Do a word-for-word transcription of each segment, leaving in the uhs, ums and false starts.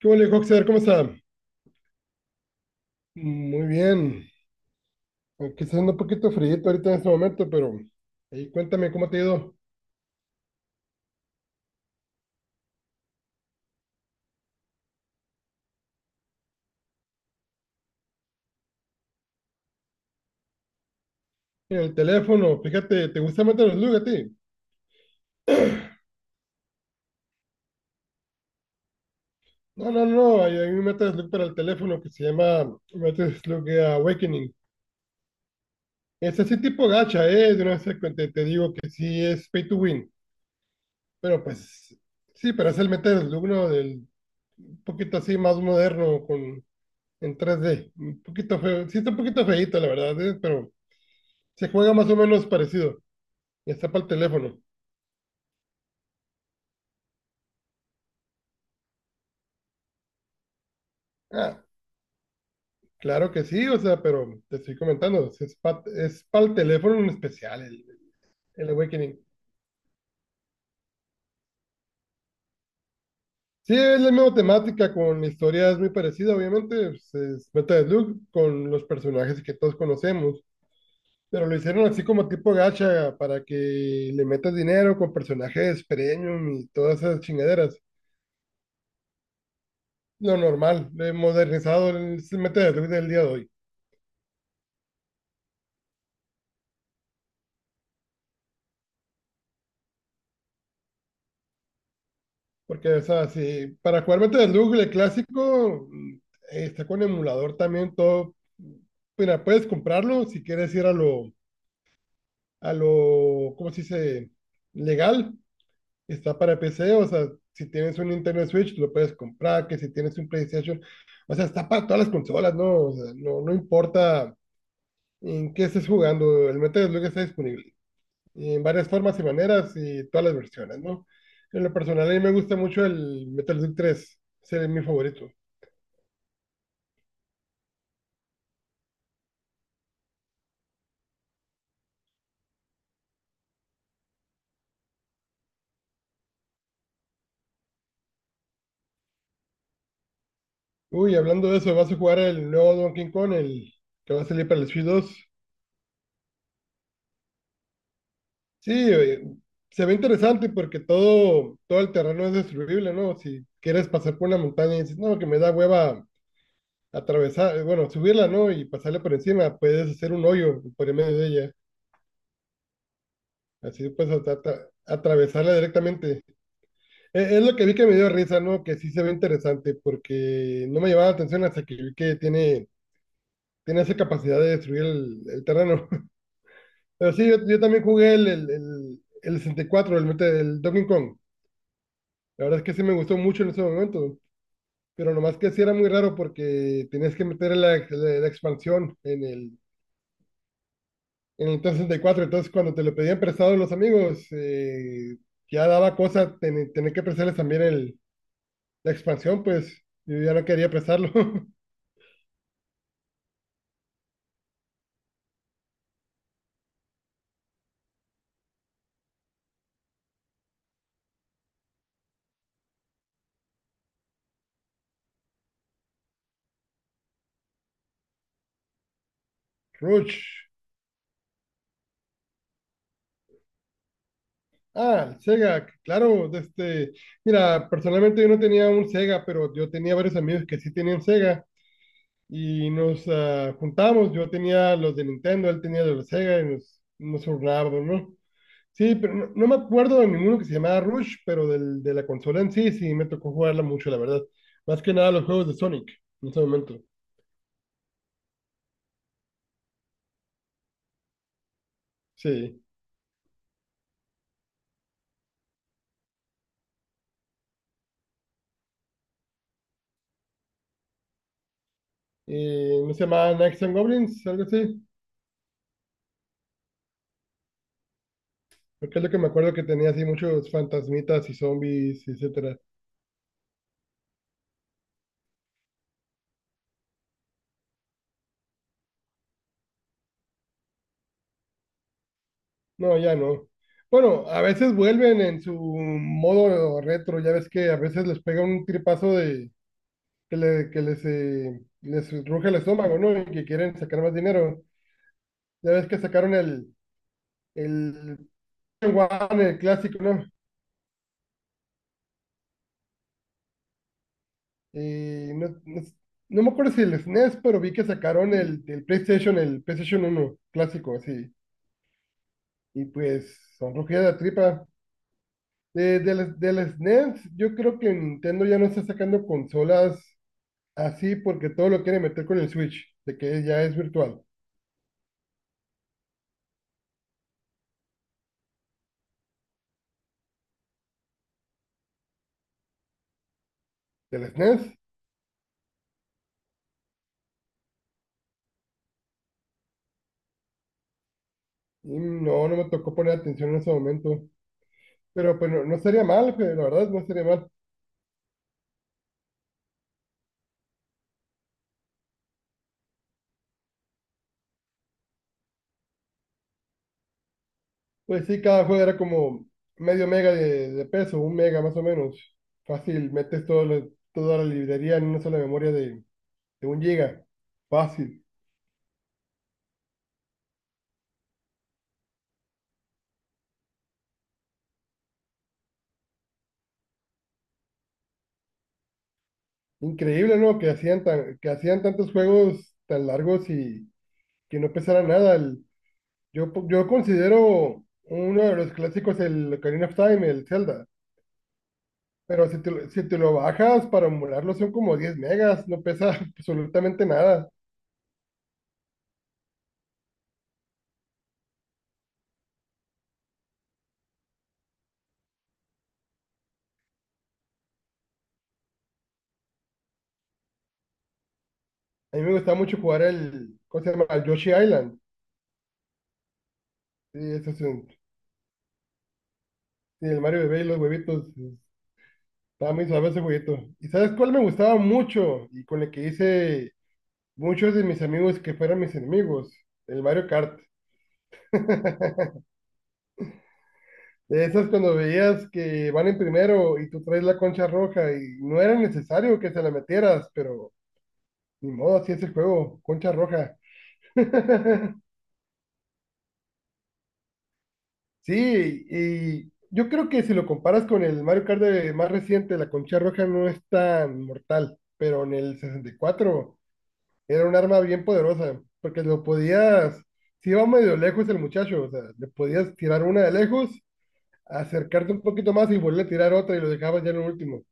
¿Qué hubo, Hoxer? ¿Cómo está? Muy bien. Aunque está haciendo un poquito frío ahorita en este momento, pero ahí cuéntame cómo te ha ido en el teléfono. Fíjate, ¿te gusta Metal Slug a ti? No, no, no. Hay, hay un Metal Slug para el teléfono que se llama Metal Slug Awakening. Es así tipo gacha, ¿eh? De una vez te, te te digo que sí es pay to win. Pero pues, sí, pero es el Metal Slug, ¿no? Del, un poquito así más moderno, con, en tres d. Un poquito feo. Sí, está un poquito feíto, la verdad, ¿eh? Pero se juega más o menos parecido. Está para el teléfono. Ah, claro que sí, o sea, pero te estoy comentando, es, es pa- es para el teléfono en especial, el, el Awakening. Sí, es la misma temática, con historias muy parecidas, obviamente, pues, es Beta de Luke, con los personajes que todos conocemos, pero lo hicieron así como tipo gacha, para que le metas dinero con personajes premium y todas esas chingaderas. Lo normal, lo he modernizado, el Beta de Luke del día de hoy. Porque, o sea, si para jugar Battle del Google clásico, mm, eh, está con emulador también todo. Mira, puedes comprarlo si quieres ir a lo, a lo, ¿cómo se dice? Legal. Está para P C, o sea, si tienes un Nintendo Switch, lo puedes comprar, que si tienes un PlayStation, o sea, está para todas las consolas, ¿no? O sea, no, no importa en qué estés jugando, el Metal Slug está disponible y en varias formas y maneras y todas las versiones, ¿no? En lo personal, a mí me gusta mucho el Metal Slug tres, ese es mi favorito. Uy, hablando de eso, ¿vas a jugar el nuevo Donkey Kong, el que va a salir para el Switch dos? Sí, oye, se ve interesante porque todo, todo el terreno es destruible, ¿no? Si quieres pasar por una montaña y dices, no, que me da hueva atravesar, eh, bueno, subirla, ¿no? Y pasarla por encima, puedes hacer un hoyo por en medio de ella. Así puedes atra- atra- atravesarla directamente. E- Es lo que vi que me dio risa, ¿no? Que sí se ve interesante, porque no me llevaba la atención hasta que vi que tiene, tiene esa capacidad de destruir el, el terreno. Pero sí, yo, yo también jugué el, el, el, el sesenta y cuatro, el, mete- el Donkey Kong. La verdad es que sí me gustó mucho en ese momento, pero nomás que sí era muy raro porque tenías que meter la, la- la expansión en el, en el Nintendo sesenta y cuatro. Entonces, cuando te lo pedían prestado los amigos, eh, ya daba cosa ten- tener que prestarles también el, la expansión, pues yo ya no quería prestarlo. Rush. Ah, el Sega, claro, de este, mira, personalmente yo no tenía un Sega, pero yo tenía varios amigos que sí tenían Sega y nos ah, juntábamos, yo tenía los de Nintendo, él tenía los de Sega y nos, nos turnábamos, ¿no? Sí, pero no, no me acuerdo de ninguno que se llamaba Rush, pero del, de la consola en sí, sí, me tocó jugarla mucho, la verdad. Más que nada los juegos de Sonic en ese momento, sí. Y no se llamaban Knights and Goblins, algo así, porque es lo que me acuerdo que tenía así muchos fantasmitas y zombies, etcétera. No, ya no. Bueno, a veces vuelven en su modo retro, ya ves que a veces les pega un tripazo de que, le- que les, eh, les ruge el estómago, ¿no? Y que quieren sacar más dinero. Ya ves que sacaron el, el, One, el clásico, ¿no? Eh, no, no s- no me acuerdo si el S N E S, pero vi que sacaron el, el PlayStation, el PlayStation uno clásico, así. Y pues son rugidas de tripa. De, del, del S N E S, yo creo que Nintendo ya no está sacando consolas así porque todo lo quiere meter con el Switch, de que ya es virtual. Del S N E S, y no, no me tocó poner atención en ese momento. Pero pues no, no sería mal, pues, la verdad, no sería mal. Pues sí, cada juego era como medio mega de, de peso, un mega más o menos. Fácil, metes todo lo- toda la librería en una sola memoria de, de un giga. Fácil. Increíble, ¿no? Que hacían tan, que hacían tantos juegos tan largos y que no pesara nada. El, Yo, po- yo considero uno de los clásicos el Ocarina of Time, el Zelda, pero si te, lo- si te lo bajas para emularlo son como diez megas, no pesa absolutamente nada. A mí me gusta mucho jugar el, ¿cómo se llama? El Yoshi Island. Sí, eso es un- sí, el Mario Bebé y los huevitos. Estaba muy suave ese jueguito. ¿Y sabes cuál me gustaba mucho? Y con el que hice muchos de mis amigos que fueran mis enemigos, el Mario Kart. De esas cuando veías que van en primero y tú traes la concha roja y no era necesario que se la metieras, pero ni modo, así es el juego, concha roja. Sí, y yo creo que si lo comparas con el Mario Kart de- más reciente, la concha roja no es tan mortal, pero en el sesenta y cuatro era un arma bien poderosa, porque lo podías, si iba medio lejos el muchacho, o sea, le podías tirar una de lejos, acercarte un poquito más y volver a tirar otra y lo dejabas ya en el último.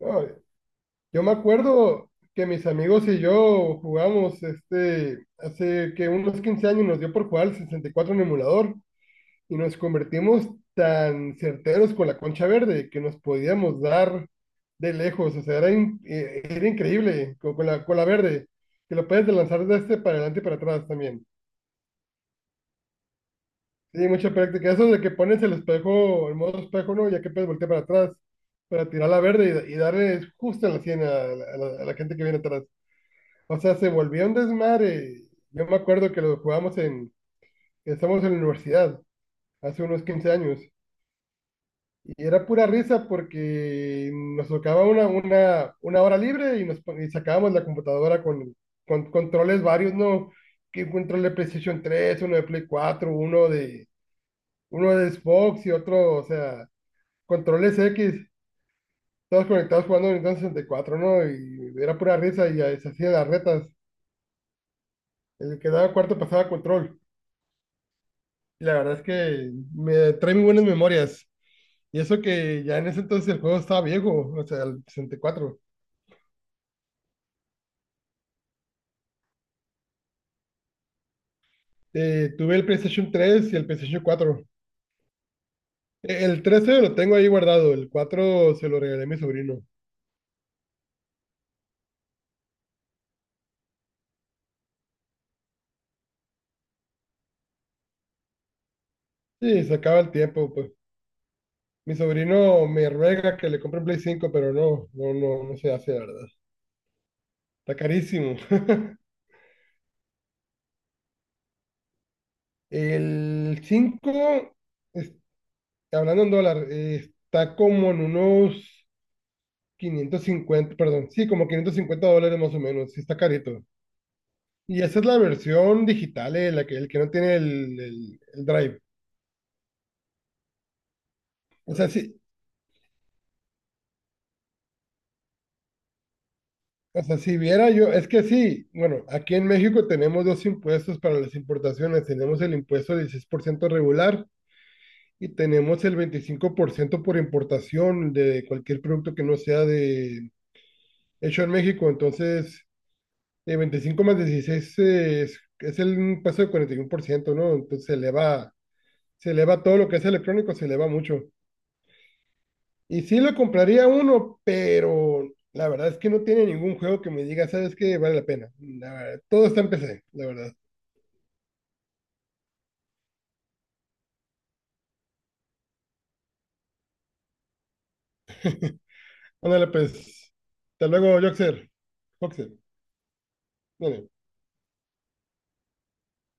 No, yo me acuerdo que mis amigos y yo jugamos este, hace que unos quince años nos dio por jugar al sesenta y cuatro en emulador y nos convertimos tan certeros con la concha verde que nos podíamos dar de lejos, o sea, era, in- eh, era increíble con, con la, con la verde, que lo puedes lanzar de este para adelante y para atrás también. Sí, mucha práctica, eso de que pones el espejo, el modo espejo, ¿no? Ya que puedes voltear para atrás para tirar la verde y, y darle justo en la sien a, la a la- a la gente que viene atrás. O sea, se volvió un desmadre. Yo me acuerdo que lo jugamos en, que estábamos en la universidad, hace unos quince años, y era pura risa porque nos tocaba una, una, una hora libre y, nos, pon- y sacábamos la computadora con, con controles varios, ¿no? Que un control de PlayStation tres, uno de Play cuatro, uno de, uno de Xbox y otro, o sea, controles X, todos conectados jugando Nintendo sesenta y cuatro, ¿no? Y era pura risa y ahí se hacían las retas. El que daba cuarto pasaba control. La verdad es que me trae muy buenas memorias. Y eso que ya en ese entonces el juego estaba viejo, o sea, el sesenta y cuatro. Eh, tuve el PlayStation tres y el PlayStation cuatro. Eh, El trece lo tengo ahí guardado, el cuatro se lo regalé a mi sobrino. Sí, se acaba el tiempo, pues. Mi sobrino me ruega que le compre un Play cinco, pero no, no, no, no se hace, la verdad. Está carísimo. El cinco es- hablando en dólar, eh, está como en unos quinientos cincuenta, perdón, sí, como quinientos cincuenta dólares más o menos, sí está carito. Y esa es la versión digital, eh, la que, el que no tiene el, el- el Drive. O sea, sí, o sea, si viera yo, es que sí, bueno, aquí en México tenemos dos impuestos para las importaciones. Tenemos el impuesto del dieciséis por ciento regular y tenemos el veinticinco por ciento por importación de cualquier producto que no sea de hecho en México. Entonces, eh, veinticinco más dieciséis es, es el impuesto del cuarenta y uno por ciento, ¿no? Entonces se eleva. Se le va todo lo que es electrónico, se le va mucho. Y sí le compraría uno, pero la verdad es que no tiene ningún juego que me diga, ¿sabes qué? Vale la pena. La verdad, todo está en P C, la verdad. Ándale, pues. Hasta luego, Joxer. Joxer. Dale.